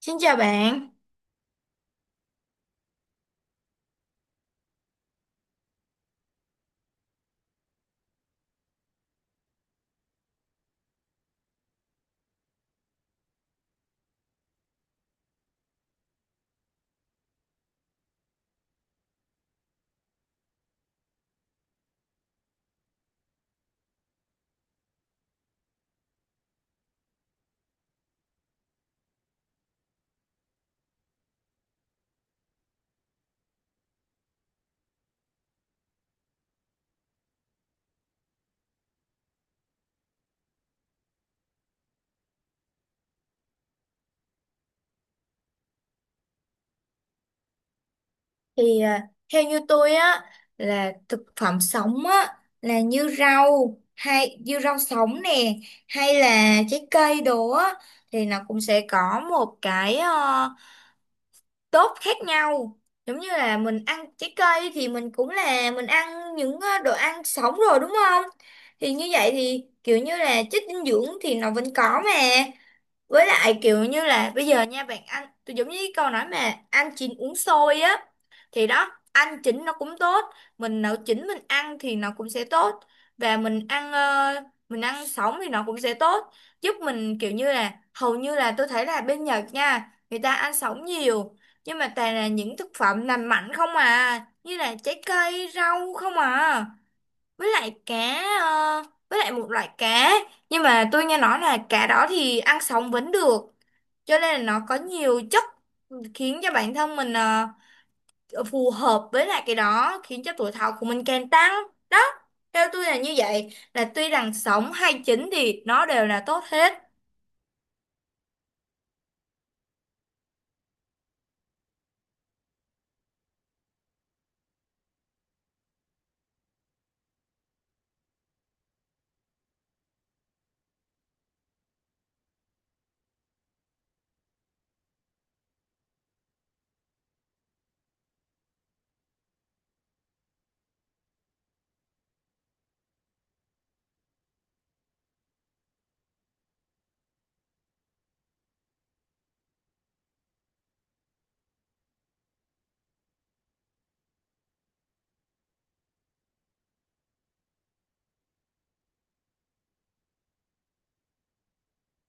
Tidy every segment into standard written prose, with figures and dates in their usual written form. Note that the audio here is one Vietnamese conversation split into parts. Xin chào bạn. Thì à, theo như tôi á là thực phẩm sống á là như rau hay như rau sống nè hay là trái cây đồ á thì nó cũng sẽ có một cái tốt khác nhau. Giống như là mình ăn trái cây thì mình cũng là mình ăn những đồ ăn sống rồi đúng không? Thì như vậy thì kiểu như là chất dinh dưỡng thì nó vẫn có mà. Với lại kiểu như là bây giờ nha bạn ăn tôi giống như cái câu nói mà ăn chín uống sôi á, thì đó ăn chín nó cũng tốt, mình nấu chín mình ăn thì nó cũng sẽ tốt, và mình ăn sống thì nó cũng sẽ tốt, giúp mình kiểu như là hầu như là tôi thấy là bên Nhật nha người ta ăn sống nhiều, nhưng mà toàn là những thực phẩm làm mạnh không à, như là trái cây rau không à, với lại với lại một loại cá, nhưng mà tôi nghe nói là cá đó thì ăn sống vẫn được, cho nên là nó có nhiều chất khiến cho bản thân mình phù hợp với lại cái đó, khiến cho tuổi thọ của mình càng tăng đó. Theo tôi là như vậy, là tuy rằng sống hay chín thì nó đều là tốt hết.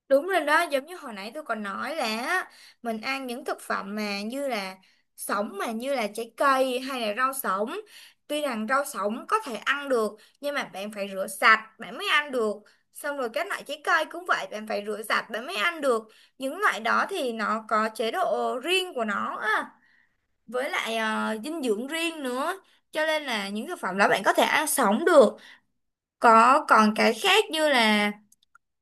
Đúng rồi đó, giống như hồi nãy tôi còn nói là á, mình ăn những thực phẩm mà như là sống, mà như là trái cây hay là rau sống. Tuy rằng rau sống có thể ăn được nhưng mà bạn phải rửa sạch bạn mới ăn được. Xong rồi các loại trái cây cũng vậy, bạn phải rửa sạch bạn mới ăn được. Những loại đó thì nó có chế độ riêng của nó á, với lại dinh dưỡng riêng nữa. Cho nên là những thực phẩm đó bạn có thể ăn sống được. Có còn cái khác như là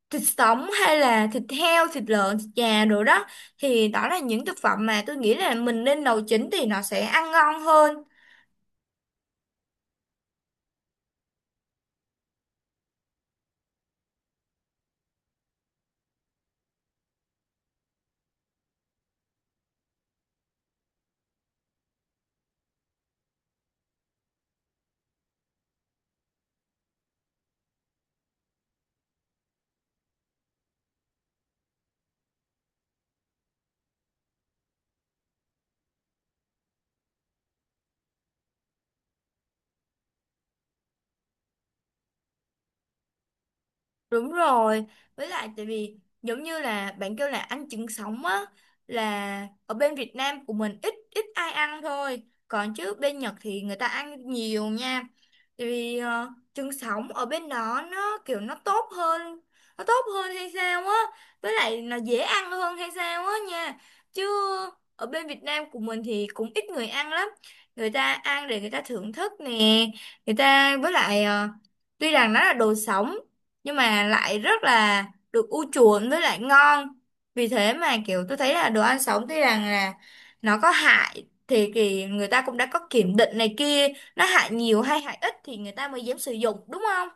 thịt sống hay là thịt heo, thịt lợn, thịt gà rồi đó, thì đó là những thực phẩm mà tôi nghĩ là mình nên nấu chín thì nó sẽ ăn ngon hơn. Đúng rồi, với lại tại vì giống như là bạn kêu là ăn trứng sống á, là ở bên Việt Nam của mình ít ít ai ăn thôi, còn chứ bên Nhật thì người ta ăn nhiều nha. Tại vì trứng sống ở bên đó nó kiểu nó tốt hơn hay sao á, với lại nó dễ ăn hơn hay sao á nha. Chứ ở bên Việt Nam của mình thì cũng ít người ăn lắm. Người ta ăn để người ta thưởng thức nè, người ta với lại ờ, tuy rằng nó là đồ sống nhưng mà lại rất là được ưu chuộng với lại ngon. Vì thế mà kiểu tôi thấy là đồ ăn sống tuy rằng là nó có hại, thì người ta cũng đã có kiểm định này kia, nó hại nhiều hay hại ít thì người ta mới dám sử dụng, đúng không?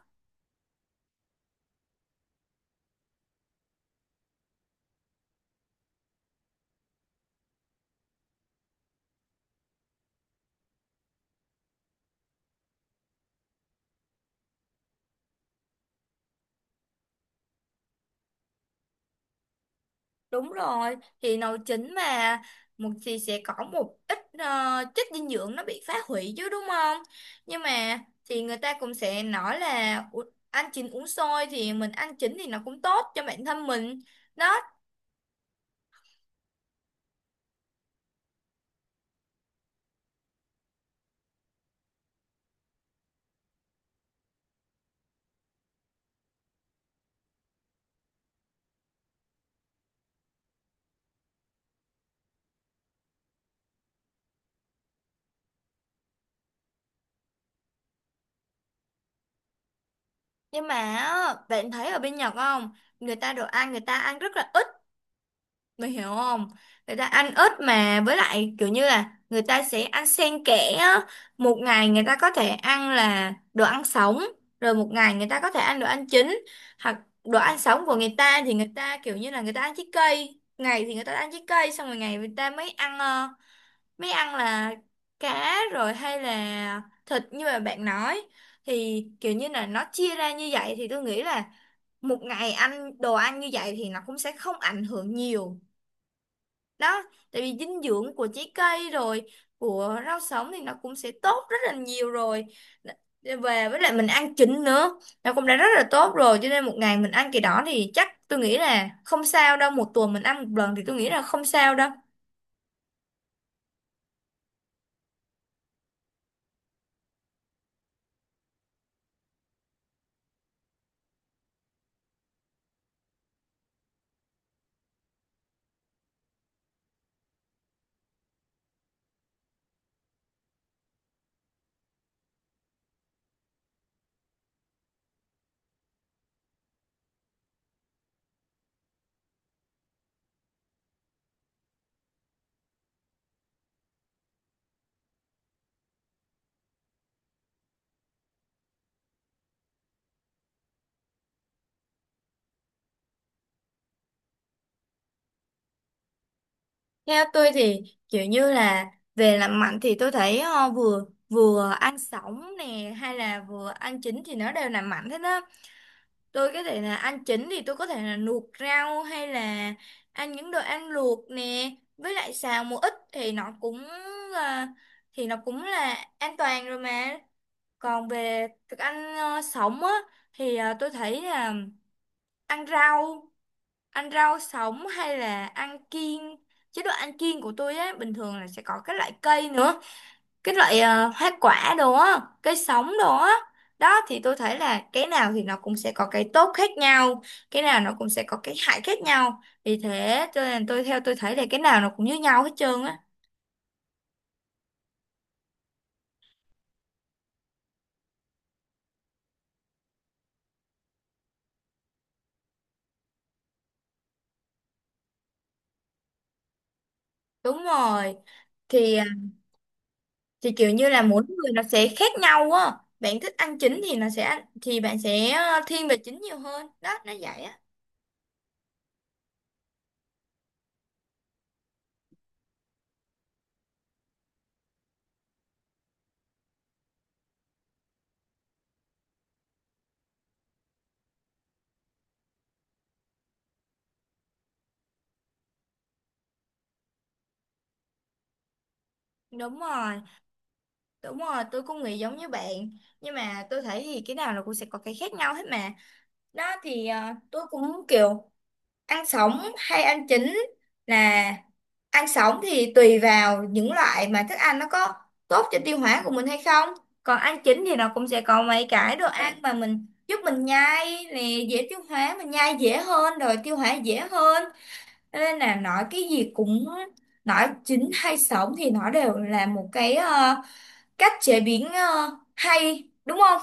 Đúng rồi, thì nấu chín mà, một thì sẽ có một ít chất dinh dưỡng nó bị phá hủy chứ, đúng không? Nhưng mà thì người ta cũng sẽ nói là "Ủa, ăn chín uống sôi thì mình ăn chín thì nó cũng tốt cho bản thân mình đó." Nhưng mà á, bạn thấy ở bên Nhật không? Người ta đồ ăn người ta ăn rất là ít, mày hiểu không? Người ta ăn ít mà với lại kiểu như là người ta sẽ ăn xen kẽ á. Một ngày người ta có thể ăn là đồ ăn sống, rồi một ngày người ta có thể ăn đồ ăn chín. Hoặc đồ ăn sống của người ta thì người ta kiểu như là người ta ăn trái cây, ngày thì người ta ăn trái cây xong rồi ngày người ta mới ăn là cá rồi hay là thịt như mà bạn nói, thì kiểu như là nó chia ra như vậy thì tôi nghĩ là một ngày ăn đồ ăn như vậy thì nó cũng sẽ không ảnh hưởng nhiều đó. Tại vì dinh dưỡng của trái cây rồi của rau sống thì nó cũng sẽ tốt rất là nhiều rồi. Để về với lại mình ăn trứng nữa, nó cũng đã rất là tốt rồi, cho nên một ngày mình ăn cái đó thì chắc tôi nghĩ là không sao đâu, một tuần mình ăn một lần thì tôi nghĩ là không sao đâu. Theo tôi thì kiểu như là về làm mạnh thì tôi thấy ờ, vừa vừa ăn sống nè hay là vừa ăn chín thì nó đều làm mạnh hết đó. Tôi có thể là ăn chín thì tôi có thể là luộc rau hay là ăn những đồ ăn luộc nè, với lại xào một ít thì là, nó cũng là an toàn rồi mà. Còn về thức ăn sống á, thì tôi thấy là ăn rau ăn rau sống hay là ăn kiêng, chế độ ăn kiêng của tôi á bình thường là sẽ có các loại cây nữa, cái loại hoa quả đồ á cây sống đồ á, đó thì tôi thấy là cái nào thì nó cũng sẽ có cái tốt khác nhau, cái nào nó cũng sẽ có cái hại khác nhau. Vì thế cho nên theo tôi thấy là cái nào nó cũng như nhau hết trơn á. Đúng rồi, thì à, thì kiểu như là mỗi người nó sẽ khác nhau á. Bạn thích ăn chín thì nó sẽ ăn thì bạn sẽ thiên về chín nhiều hơn đó, nó vậy á. Đúng rồi, đúng rồi, tôi cũng nghĩ giống như bạn, nhưng mà tôi thấy thì cái nào nó cũng sẽ có cái khác nhau hết mà. Đó thì tôi cũng kiểu ăn sống hay ăn chín, là ăn sống thì tùy vào những loại mà thức ăn nó có tốt cho tiêu hóa của mình hay không, còn ăn chín thì nó cũng sẽ có mấy cái đồ ăn mà mình giúp mình nhai nè, dễ tiêu hóa, mình nhai dễ hơn rồi tiêu hóa dễ hơn. Cho nên là nói cái gì cũng nói chín hay sống thì nó đều là một cái cách chế biến hay, đúng không?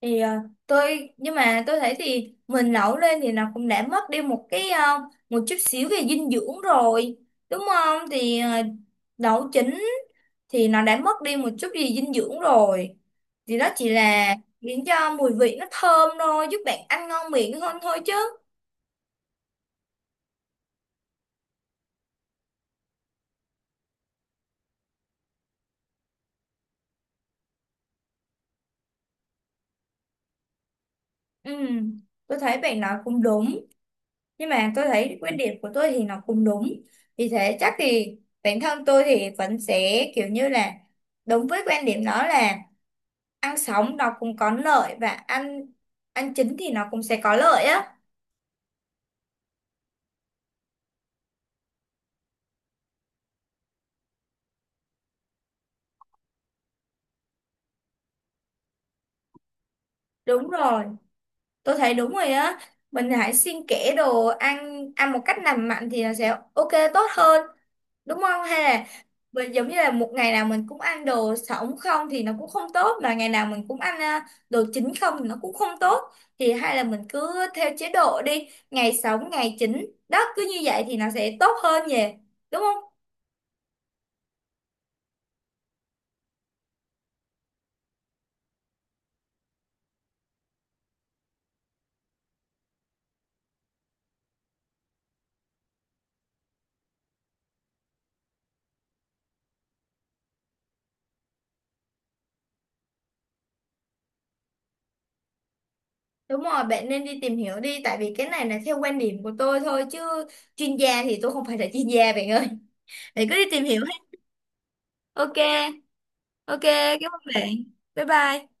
Thì ờ, tôi nhưng mà tôi thấy thì mình nấu lên thì nó cũng đã mất đi một cái một chút xíu về dinh dưỡng rồi, đúng không? Thì nấu chín thì nó đã mất đi một chút gì dinh dưỡng rồi, thì đó chỉ là khiến cho mùi vị nó thơm thôi, giúp bạn ăn ngon miệng hơn thôi chứ. Ừ, tôi thấy bạn nói cũng đúng, nhưng mà tôi thấy quan điểm của tôi thì nó cũng đúng. Vì thế chắc thì bản thân tôi thì vẫn sẽ kiểu như là đúng với quan điểm đó, là ăn sống nó cũng có lợi, và ăn ăn chín thì nó cũng sẽ có lợi á. Đúng rồi, tôi thấy đúng rồi á. Mình hãy xuyên kẽ đồ ăn ăn một cách lành mạnh thì nó sẽ ok tốt hơn, đúng không? Hay là mình giống như là một ngày nào mình cũng ăn đồ sống không thì nó cũng không tốt, mà ngày nào mình cũng ăn à, đồ chín không thì nó cũng không tốt, thì hay là mình cứ theo chế độ đi ngày sống ngày chín, đó cứ như vậy thì nó sẽ tốt hơn nhỉ, đúng không? Đúng rồi, bạn nên đi tìm hiểu đi. Tại vì cái này là theo quan điểm của tôi thôi, chứ chuyên gia thì tôi không phải là chuyên gia bạn ơi. Bạn cứ đi tìm hiểu hết. Ok, ok, cảm ơn bạn. Bye bye.